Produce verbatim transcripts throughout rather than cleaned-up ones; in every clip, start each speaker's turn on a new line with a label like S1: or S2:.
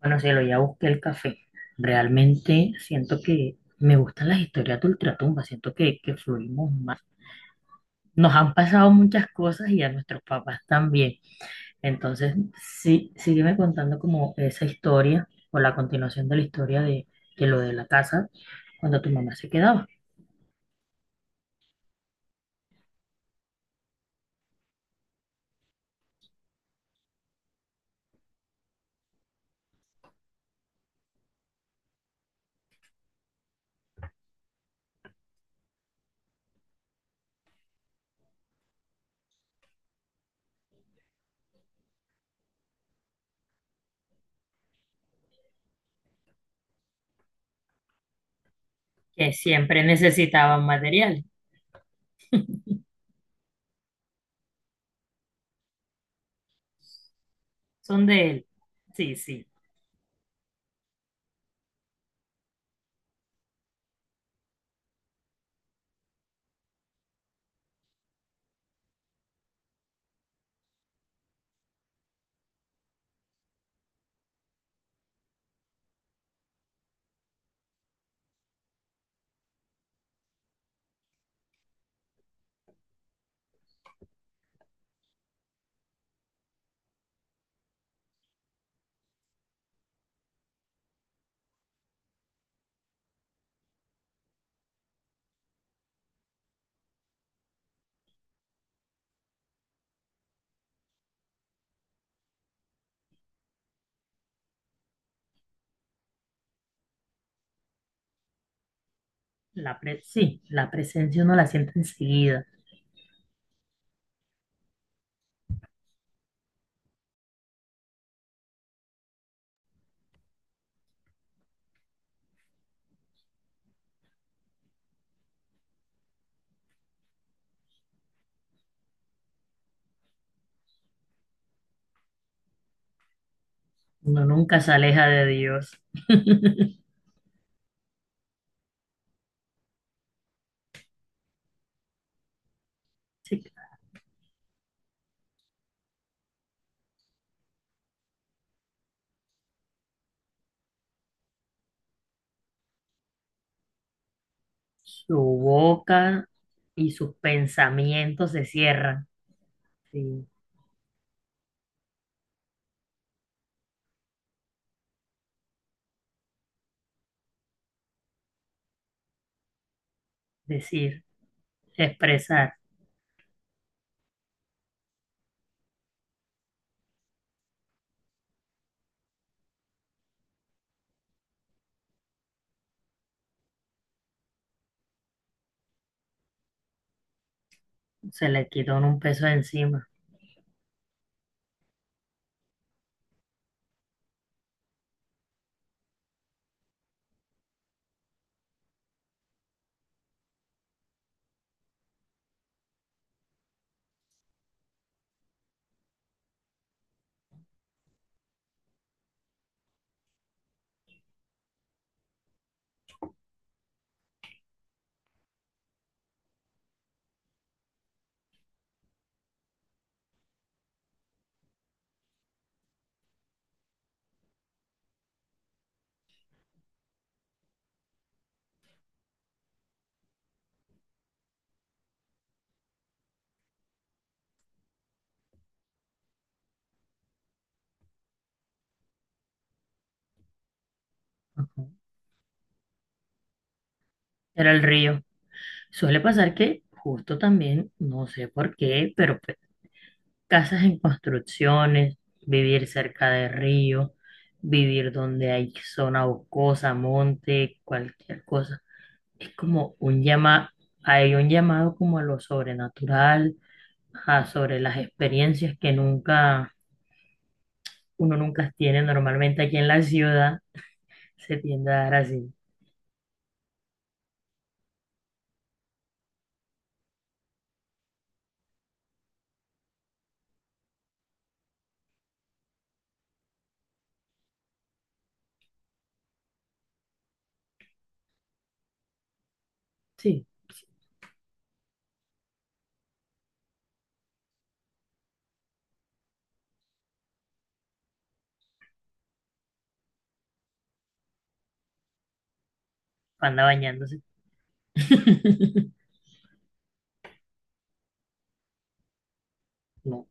S1: Bueno, cielo, ya busqué el café. Realmente siento que me gustan las historias de Ultratumba, siento que, que fluimos más. Nos han pasado muchas cosas y a nuestros papás también. Entonces, sí, sígueme contando como esa historia o la continuación de la historia de, de lo de la casa cuando tu mamá se quedaba. Que siempre necesitaban material. Son de él. Sí, sí. La pre- sí, la presencia uno la siente enseguida. Uno nunca se aleja de Dios. Sí. Su boca y sus pensamientos se cierran, sin decir, expresar. Se le quitó un peso de encima. Ujú. Era el río. Suele pasar que justo también, no sé por qué, pero pe- casas en construcciones, vivir cerca de río, vivir donde hay zona boscosa, monte, cualquier cosa. Es como un llama, hay un llamado como a lo sobrenatural, ajá, sobre las experiencias que nunca, uno nunca tiene normalmente aquí en la ciudad, se tiende a dar así. Sí, panda bañándose. No,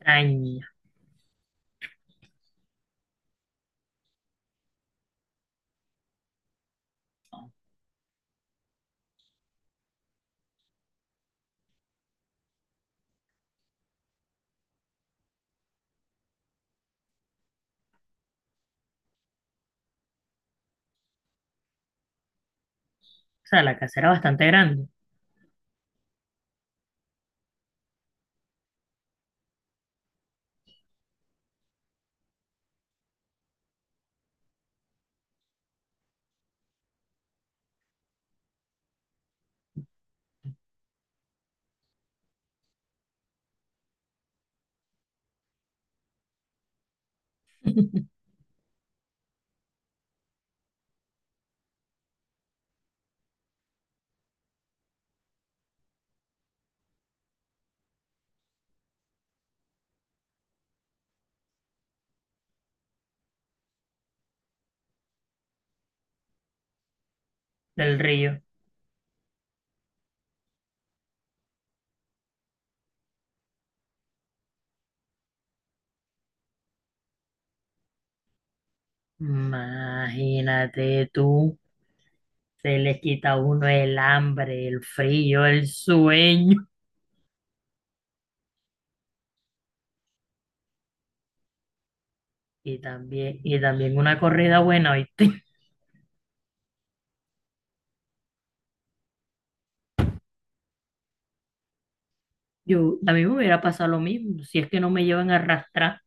S1: extraña. O sea, la casa era bastante grande del río. Imagínate tú, se les quita a uno el hambre, el frío, el sueño y también, y también una corrida buena, ¿oíste? Yo, a mí me hubiera pasado lo mismo, si es que no me llevan a arrastrar.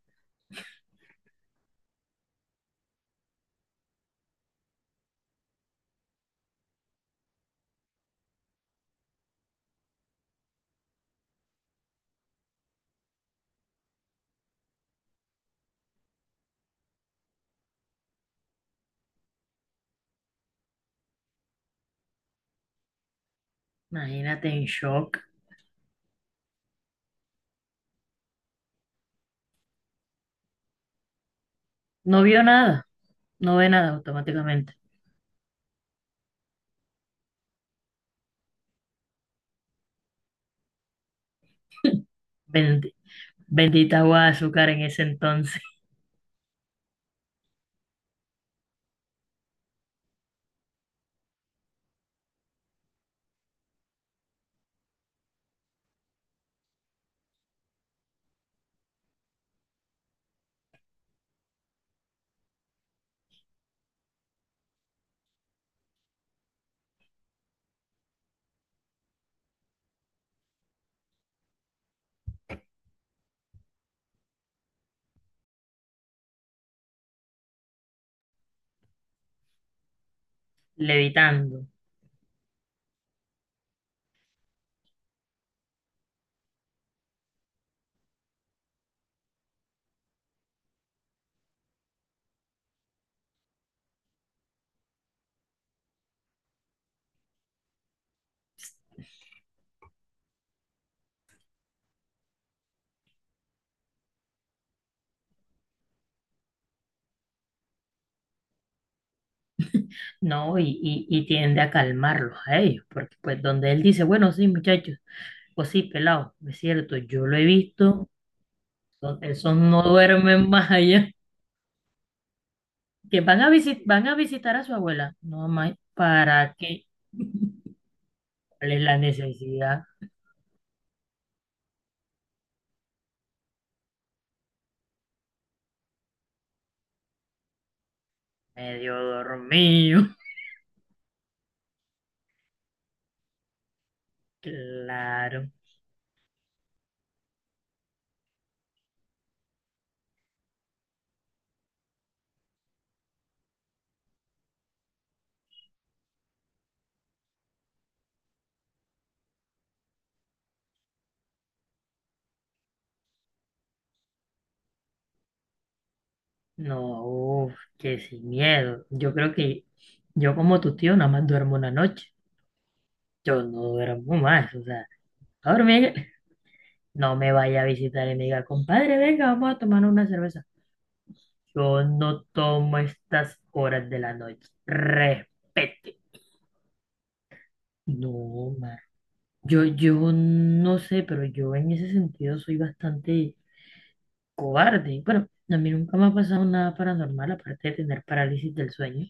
S1: Imagínate en shock. No vio nada. No ve nada automáticamente. Bendi- bendita agua de azúcar en ese entonces, levitando. No, y, y, y tiende a calmarlos a ellos, porque pues donde él dice, bueno, sí, muchachos, pues sí, pelado, es cierto, yo lo he visto, son- esos no duermen más allá, que van a visit, van a visitar a su abuela, no más, ¿para qué? ¿Cuál es la necesidad? Medio dormido, claro. No, uf, que sin miedo. Yo creo que yo como tu tío nada más duermo una noche. Yo no duermo más, o sea, a dormir. No me vaya a visitar y me diga, compadre, venga, vamos a tomar una cerveza. Yo no tomo estas horas de la noche. Respete. No, man. Yo, yo no sé, pero yo en ese sentido soy bastante cobarde. Bueno, a mí nunca me ha pasado nada paranormal, aparte de tener parálisis del sueño,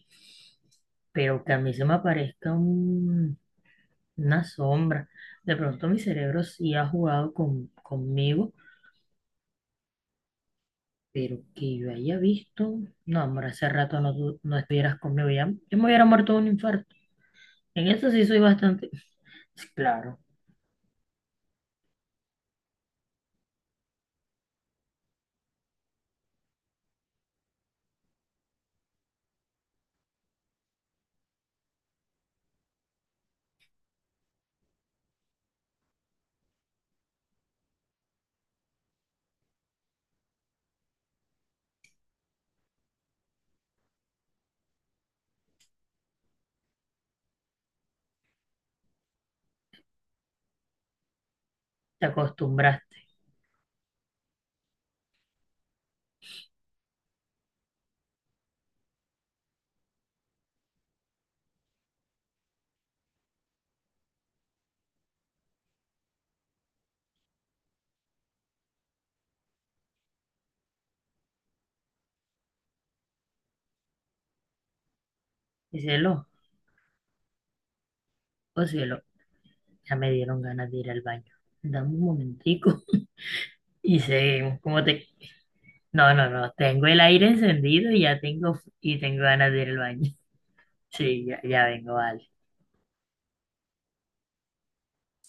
S1: pero que a mí se me aparezca un- una sombra. De pronto mi cerebro sí ha jugado con, conmigo, pero que yo haya visto, no, amor, hace rato no, tu- no estuvieras conmigo, ya, yo me hubiera muerto de un infarto. En eso sí soy bastante, claro, te acostumbraste. Y cielo, oh cielo, ya me dieron ganas de ir al baño. Dame un momentico y seguimos. Como te No, no, no. Tengo el aire encendido y ya tengo, y tengo ganas de ir al baño. Sí, ya, ya vengo, vale.